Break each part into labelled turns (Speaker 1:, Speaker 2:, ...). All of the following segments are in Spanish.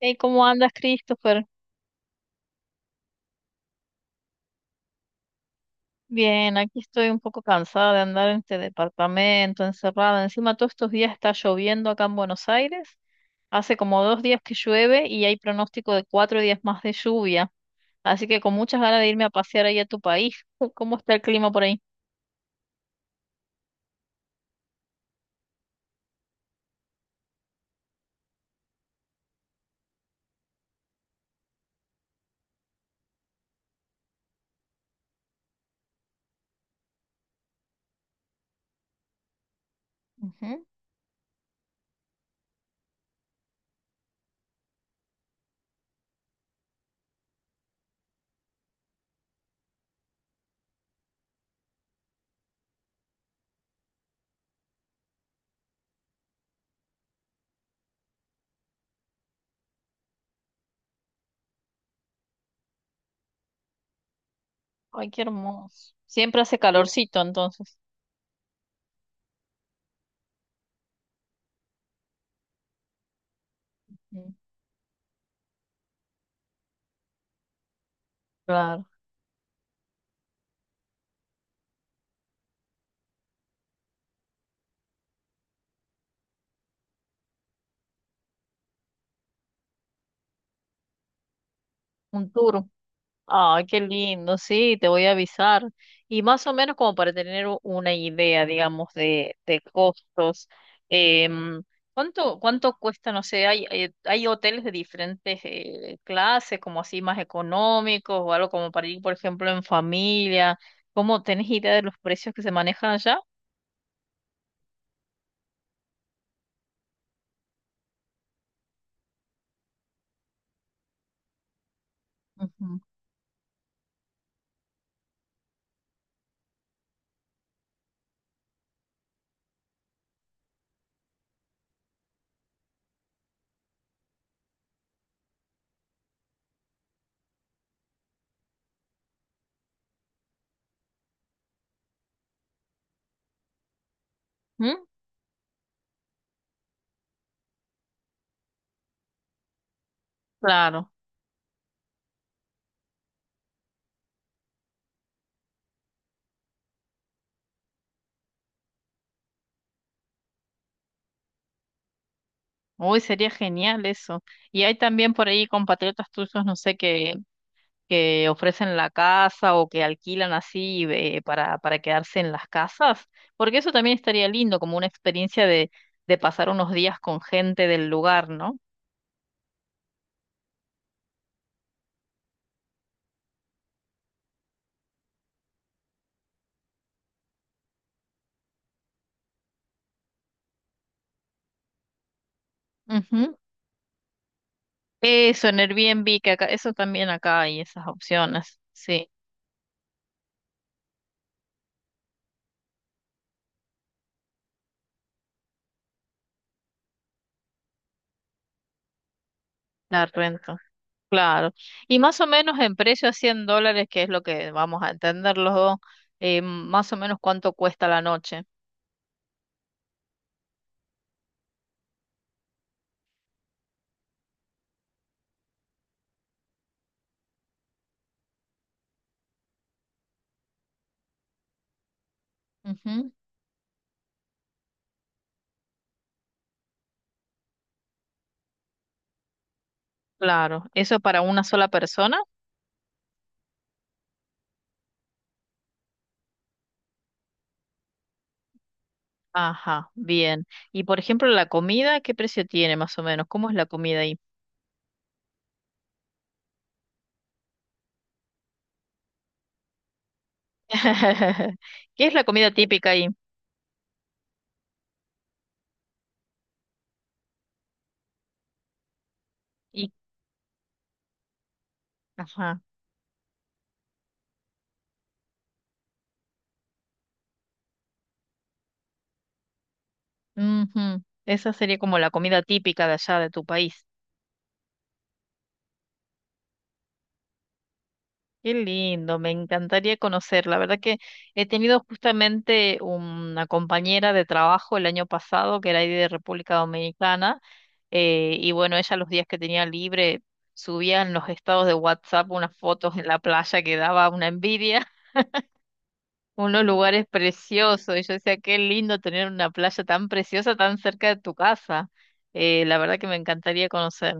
Speaker 1: Hey, ¿cómo andas, Christopher? Bien, aquí estoy un poco cansada de andar en este departamento, encerrada. Encima, todos estos días está lloviendo acá en Buenos Aires. Hace como 2 días que llueve y hay pronóstico de 4 días más de lluvia. Así que con muchas ganas de irme a pasear ahí a tu país. ¿Cómo está el clima por ahí? Ujú. Ay, qué hermoso. Siempre hace calorcito, entonces. Mm. Claro. Un tour. Ay, qué lindo, sí, te voy a avisar. Y más o menos como para tener una idea, digamos, de costos. em, ¿Cuánto cuesta? No sé, hay hoteles de diferentes clases, como así más económicos o algo como para ir, por ejemplo, en familia. ¿Cómo tenés idea de los precios que se manejan allá? Ujú. ¿Mm? Claro. Uy, sería genial eso. Y hay también por ahí compatriotas tuyos, no sé, que ofrecen la casa o que alquilan así para quedarse en las casas, porque eso también estaría lindo, como una experiencia de pasar unos días con gente del lugar, ¿no? Ujú. Eso, en Airbnb, que acá, eso también acá hay esas opciones, sí, la renta, claro. Y más o menos en precio a $100, que es lo que vamos a entender los dos, más o menos cuánto cuesta la noche. Ujú. Claro, ¿eso para una sola persona? Ajá, bien. Y por ejemplo, la comida, ¿qué precio tiene más o menos? ¿Cómo es la comida ahí? ¿Qué es la comida típica ahí? Y, ajá, ujú. Esa sería como la comida típica de allá de tu país. Qué lindo, me encantaría conocer. La verdad que he tenido justamente una compañera de trabajo el año pasado que era ahí de República Dominicana. Y bueno, ella los días que tenía libre subía en los estados de WhatsApp unas fotos en la playa que daba una envidia. Unos lugares preciosos. Y yo decía, qué lindo tener una playa tan preciosa tan cerca de tu casa. La verdad que me encantaría conocer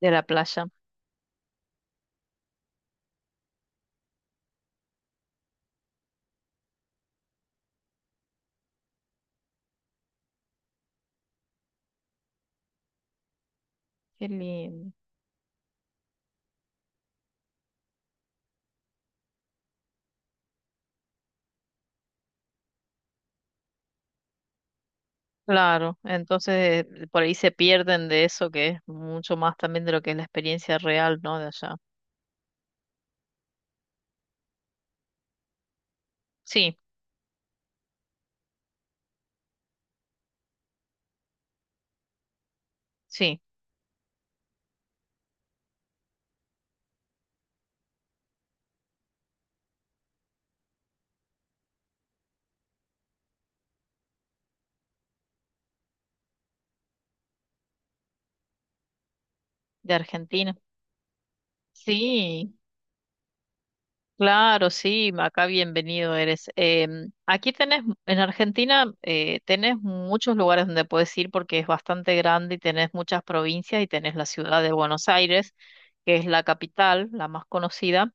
Speaker 1: de la playa. Qué lindo. Claro, entonces por ahí se pierden de eso que es mucho más también de lo que es la experiencia real, ¿no? De allá. Sí, sí, de Argentina. Sí. Claro, sí, acá bienvenido eres. Aquí tenés, en Argentina, tenés muchos lugares donde puedes ir porque es bastante grande y tenés muchas provincias y tenés la ciudad de Buenos Aires, que es la capital, la más conocida.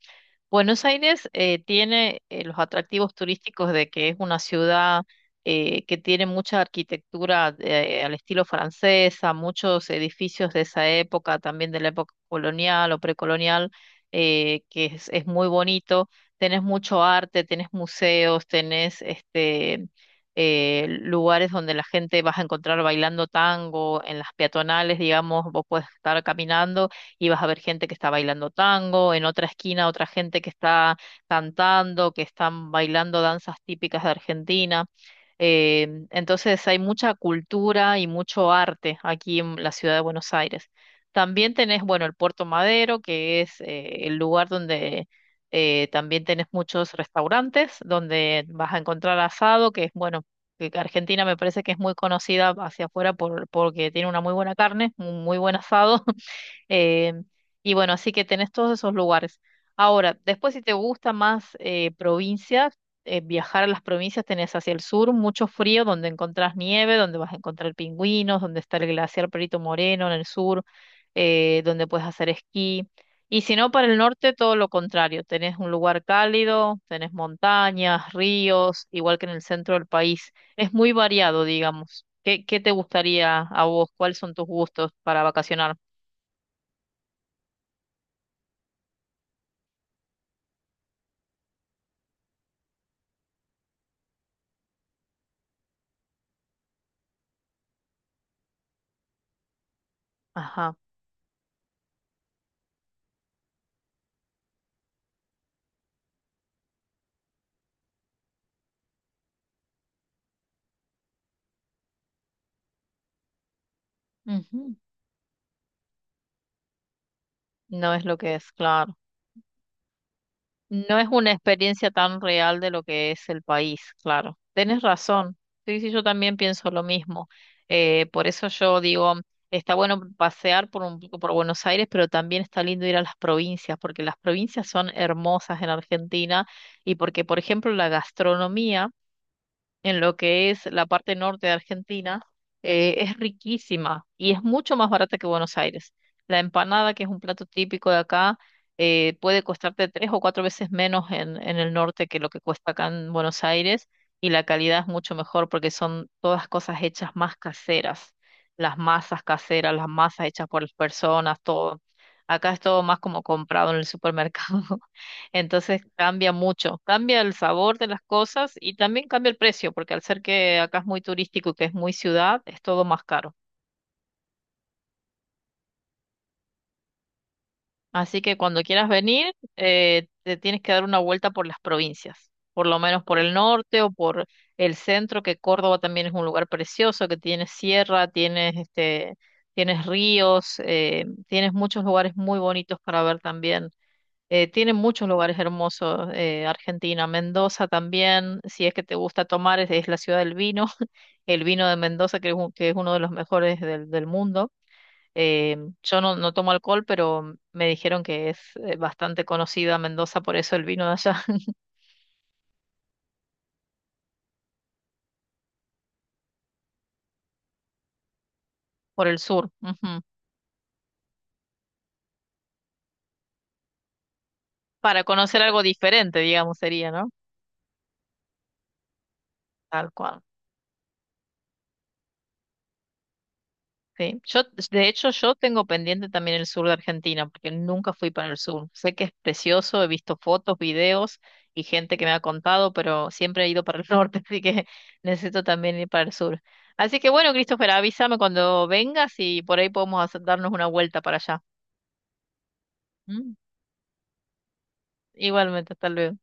Speaker 1: Buenos Aires tiene los atractivos turísticos de que es una ciudad que tiene mucha arquitectura al estilo francesa, muchos edificios de esa época, también de la época colonial o precolonial, que es muy bonito. Tenés mucho arte, tenés museos, tenés lugares donde la gente vas a encontrar bailando tango, en las peatonales, digamos, vos puedes estar caminando y vas a ver gente que está bailando tango, en otra esquina otra gente que está cantando, que están bailando danzas típicas de Argentina. Entonces hay mucha cultura y mucho arte aquí en la ciudad de Buenos Aires. También tenés, bueno, el Puerto Madero, que es el lugar donde también tenés muchos restaurantes, donde vas a encontrar asado, que es, bueno, que Argentina me parece que es muy conocida hacia afuera porque tiene una muy buena carne, un muy buen asado. Eh, y bueno, así que tenés todos esos lugares. Ahora, después si te gusta más provincias, viajar a las provincias, tenés hacia el sur mucho frío, donde encontrás nieve, donde vas a encontrar pingüinos, donde está el glaciar Perito Moreno en el sur, donde puedes hacer esquí. Y si no, para el norte, todo lo contrario. Tenés un lugar cálido, tenés montañas, ríos, igual que en el centro del país. Es muy variado, digamos. ¿Qué te gustaría a vos? ¿Cuáles son tus gustos para vacacionar? Ajá. Ujú. No es lo que es, claro. No es una experiencia tan real de lo que es el país, claro. Tienes razón. Sí, sí, yo también pienso lo mismo. Por eso yo digo, está bueno pasear por un poco por Buenos Aires, pero también está lindo ir a las provincias, porque las provincias son hermosas en Argentina y porque, por ejemplo, la gastronomía en lo que es la parte norte de Argentina, es riquísima y es mucho más barata que Buenos Aires. La empanada, que es un plato típico de acá, puede costarte 3 o 4 veces menos en el norte que lo que cuesta acá en Buenos Aires y la calidad es mucho mejor porque son todas cosas hechas más caseras, las masas hechas por las personas, todo. Acá es todo más como comprado en el supermercado. Entonces cambia mucho, cambia el sabor de las cosas y también cambia el precio, porque al ser que acá es muy turístico y que es muy ciudad, es todo más caro. Así que cuando quieras venir, te tienes que dar una vuelta por las provincias, por lo menos por el norte o por el centro, que Córdoba también es un lugar precioso, que tienes sierra, tienes tienes ríos, tienes muchos lugares muy bonitos para ver también. Tiene muchos lugares hermosos, Argentina, Mendoza también, si es que te gusta tomar, es la ciudad del vino, el vino de Mendoza, que es uno de los mejores del mundo. Eh, yo no tomo alcohol, pero me dijeron que es bastante conocida Mendoza, por eso el vino de allá, por el sur. Ujú. Para conocer algo diferente, digamos, sería, ¿no? Tal cual. Sí, yo, de hecho, yo tengo pendiente también el sur de Argentina, porque nunca fui para el sur. Sé que es precioso, he visto fotos, videos y gente que me ha contado, pero siempre he ido para el norte, así que necesito también ir para el sur. Así que bueno, Christopher, avísame cuando vengas y por ahí podemos darnos una vuelta para allá. ¿Mm? Igualmente, hasta luego.